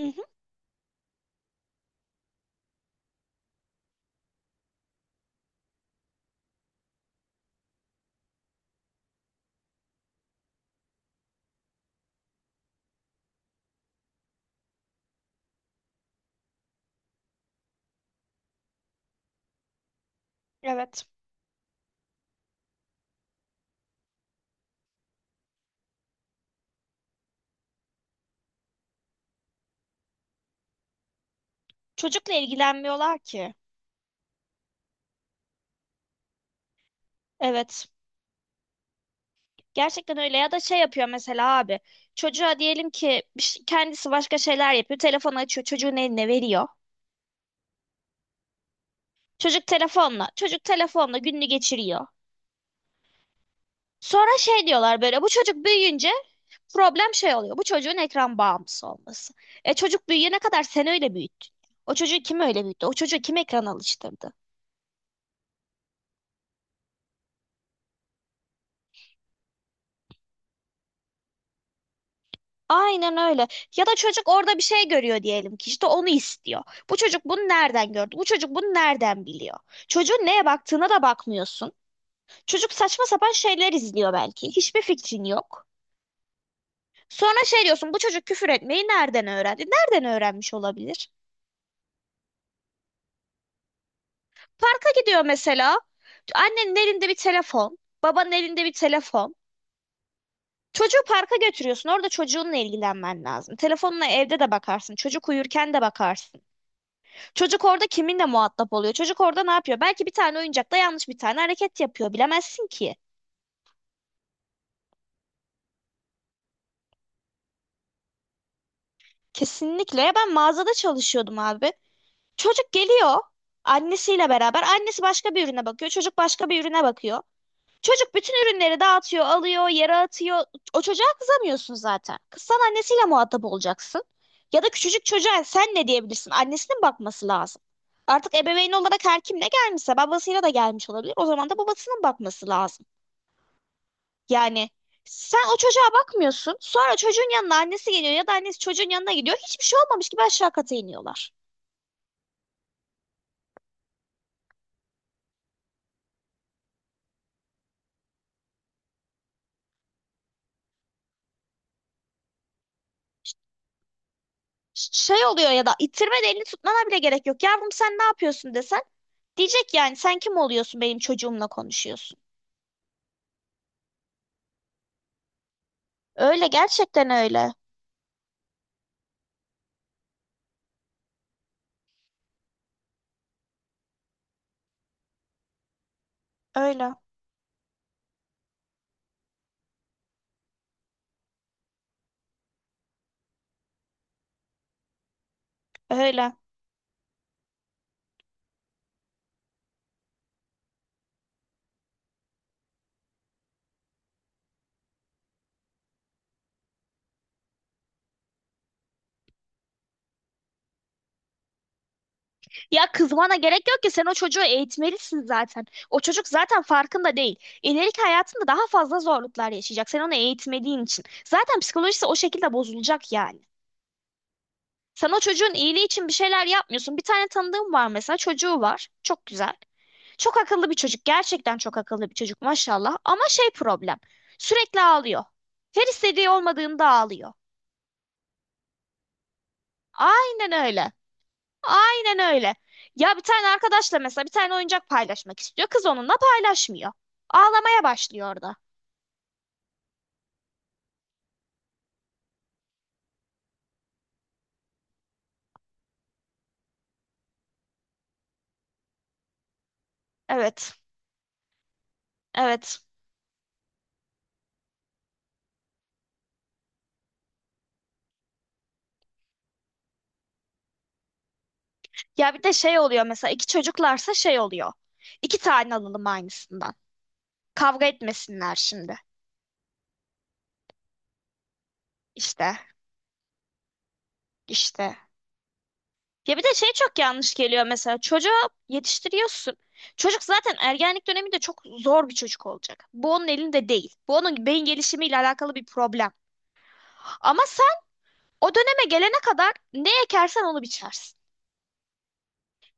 Hı hı, evet. Çocukla ilgilenmiyorlar ki. Evet. Gerçekten öyle ya da şey yapıyor mesela abi. Çocuğa diyelim ki bir şey- kendisi başka şeyler yapıyor. Telefonu açıyor, çocuğun eline veriyor. Çocuk telefonla gününü geçiriyor. Sonra şey diyorlar böyle bu çocuk büyüyünce problem şey oluyor. Bu çocuğun ekran bağımlısı olması. E çocuk büyüyene kadar sen öyle büyüttün. O çocuğu kim öyle büyüttü? O çocuğu kim ekran alıştırdı? Aynen öyle. Ya da çocuk orada bir şey görüyor diyelim ki işte onu istiyor. Bu çocuk bunu nereden gördü? Bu çocuk bunu nereden biliyor? Çocuğun neye baktığına da bakmıyorsun. Çocuk saçma sapan şeyler izliyor belki. Hiçbir fikrin yok. Sonra şey diyorsun bu çocuk küfür etmeyi nereden öğrendi? Nereden öğrenmiş olabilir? Parka gidiyor mesela. Annenin elinde bir telefon. Babanın elinde bir telefon. Çocuğu parka götürüyorsun. Orada çocuğunla ilgilenmen lazım. Telefonla evde de bakarsın. Çocuk uyurken de bakarsın. Çocuk orada kiminle muhatap oluyor? Çocuk orada ne yapıyor? Belki bir tane oyuncakta yanlış bir tane hareket yapıyor. Bilemezsin ki. Kesinlikle. Ben mağazada çalışıyordum abi. Çocuk geliyor annesiyle beraber. Annesi başka bir ürüne bakıyor. Çocuk başka bir ürüne bakıyor. Çocuk bütün ürünleri dağıtıyor, alıyor, yere atıyor. O çocuğa kızamıyorsun zaten. Kızsan annesiyle muhatap olacaksın. Ya da küçücük çocuğa sen ne diyebilirsin? Annesinin bakması lazım. Artık ebeveyn olarak her kimle gelmişse babasıyla da gelmiş olabilir. O zaman da babasının bakması lazım. Yani sen o çocuğa bakmıyorsun. Sonra çocuğun yanına annesi geliyor ya da annesi çocuğun yanına gidiyor. Hiçbir şey olmamış gibi aşağı kata iniyorlar. Şey oluyor ya da ittirme de elini tutmana bile gerek yok. Yavrum sen ne yapıyorsun desen. Diyecek yani sen kim oluyorsun benim çocuğumla konuşuyorsun. Öyle gerçekten öyle. Öyle. Öyle. Ya kızmana gerek yok ki sen o çocuğu eğitmelisin zaten. O çocuk zaten farkında değil. İleriki hayatında daha fazla zorluklar yaşayacak. Sen onu eğitmediğin için. Zaten psikolojisi o şekilde bozulacak yani. Sen o çocuğun iyiliği için bir şeyler yapmıyorsun. Bir tane tanıdığım var mesela çocuğu var. Çok güzel. Çok akıllı bir çocuk. Gerçekten çok akıllı bir çocuk maşallah. Ama şey problem. Sürekli ağlıyor. Her istediği olmadığında ağlıyor. Aynen öyle. Aynen öyle. Ya bir tane arkadaşla mesela bir tane oyuncak paylaşmak istiyor. Kız onunla paylaşmıyor. Ağlamaya başlıyor orada. Evet. Evet. Ya bir de şey oluyor mesela iki çocuklarsa şey oluyor. İki tane alalım aynısından. Kavga etmesinler şimdi. İşte. İşte. Ya bir de şey çok yanlış geliyor mesela çocuğu yetiştiriyorsun. Çocuk zaten ergenlik döneminde çok zor bir çocuk olacak. Bu onun elinde değil. Bu onun beyin gelişimiyle alakalı bir problem. Ama o döneme gelene kadar ne ekersen onu biçersin.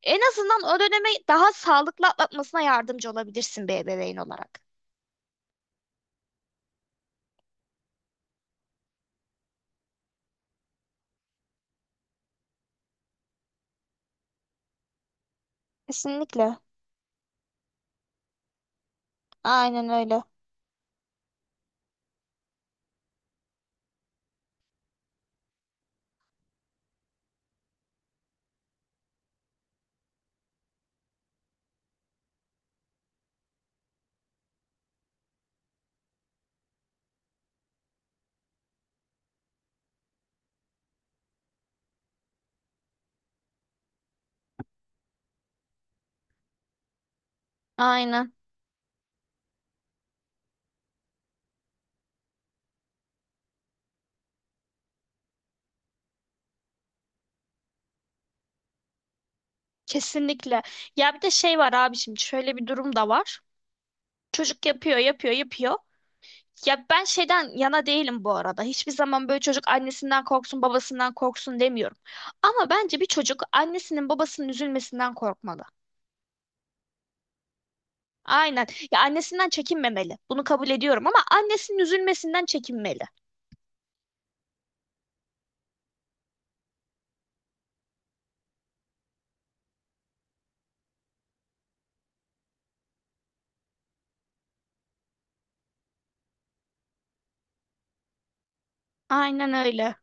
En azından o dönemi daha sağlıklı atlatmasına yardımcı olabilirsin bir ebeveyn olarak. Kesinlikle. Aynen öyle. Aynen. Kesinlikle. Ya bir de şey var abiciğim, şöyle bir durum da var. Çocuk yapıyor, yapıyor, yapıyor. Ya ben şeyden yana değilim bu arada. Hiçbir zaman böyle çocuk annesinden korksun, babasından korksun demiyorum. Ama bence bir çocuk annesinin babasının üzülmesinden korkmalı. Aynen. Ya annesinden çekinmemeli. Bunu kabul ediyorum ama annesinin üzülmesinden çekinmeli. Aynen öyle.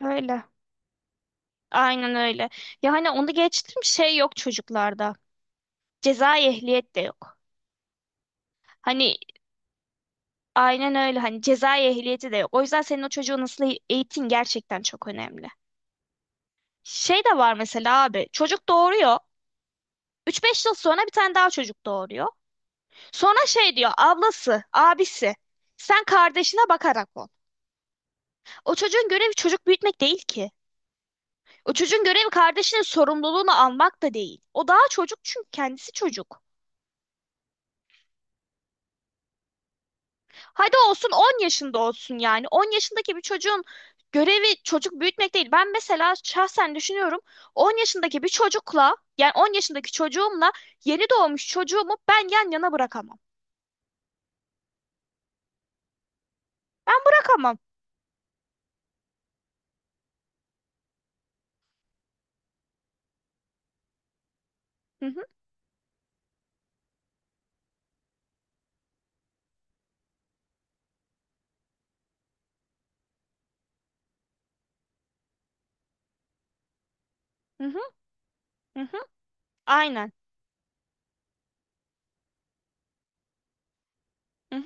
Öyle. Aynen öyle. Ya hani onu geçtim şey yok çocuklarda. Cezai ehliyet de yok. Hani aynen öyle hani cezai ehliyeti de yok. O yüzden senin o çocuğu nasıl eğitin gerçekten çok önemli. Şey de var mesela abi. Çocuk doğuruyor. Üç beş yıl sonra bir tane daha çocuk doğuruyor. Sonra şey diyor ablası, abisi. Sen kardeşine bakarak ol. O çocuğun görevi çocuk büyütmek değil ki. O çocuğun görevi kardeşinin sorumluluğunu almak da değil. O daha çocuk çünkü kendisi çocuk. Hadi olsun 10 yaşında olsun yani. 10 yaşındaki bir çocuğun görevi çocuk büyütmek değil. Ben mesela şahsen düşünüyorum 10 yaşındaki bir çocukla yani 10 yaşındaki çocuğumla yeni doğmuş çocuğumu ben yan yana bırakamam. Ben bırakamam. Hı hı, hı hı, hı hı. Aynen. Hı hı,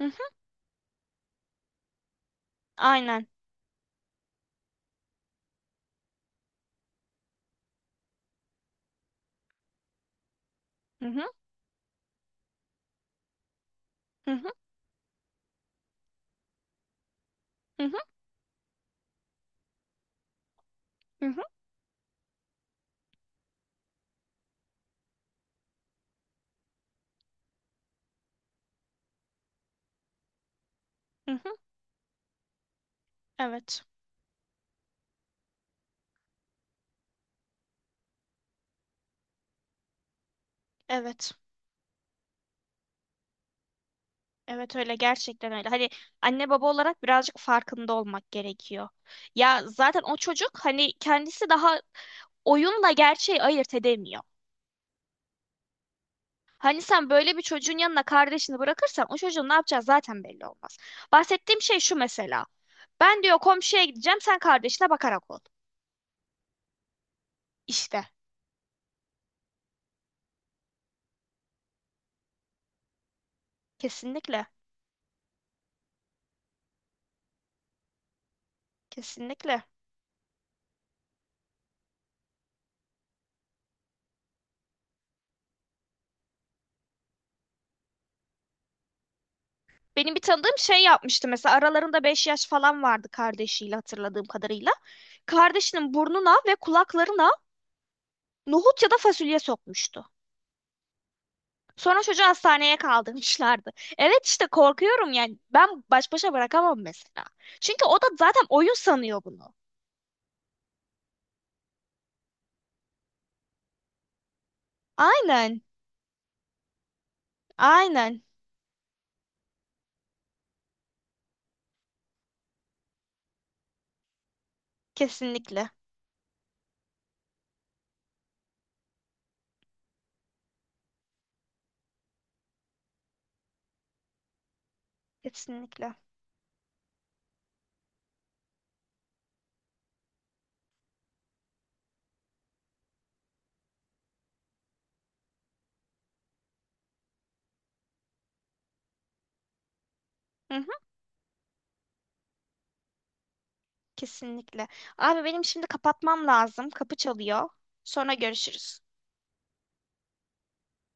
hı hı, aynen. Hı hı, hı hı, hı hı, hı hı, hı hı. Evet. Evet. Evet öyle gerçekten öyle. Hani anne baba olarak birazcık farkında olmak gerekiyor. Ya zaten o çocuk hani kendisi daha oyunla gerçeği ayırt edemiyor. Hani sen böyle bir çocuğun yanına kardeşini bırakırsan o çocuğun ne yapacağı zaten belli olmaz. Bahsettiğim şey şu mesela. Ben diyor komşuya gideceğim sen kardeşine bakarak ol. İşte kesinlikle kesinlikle. Benim bir tanıdığım şey yapmıştı mesela aralarında 5 yaş falan vardı kardeşiyle hatırladığım kadarıyla. Kardeşinin burnuna ve kulaklarına nohut ya da fasulye sokmuştu. Sonra çocuğu hastaneye kaldırmışlardı. Evet işte korkuyorum yani ben baş başa bırakamam mesela. Çünkü o da zaten oyun sanıyor bunu. Aynen, aynen. Kesinlikle, kesinlikle. Hı hı, kesinlikle. Abi benim şimdi kapatmam lazım. Kapı çalıyor. Sonra görüşürüz.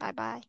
Bay bay.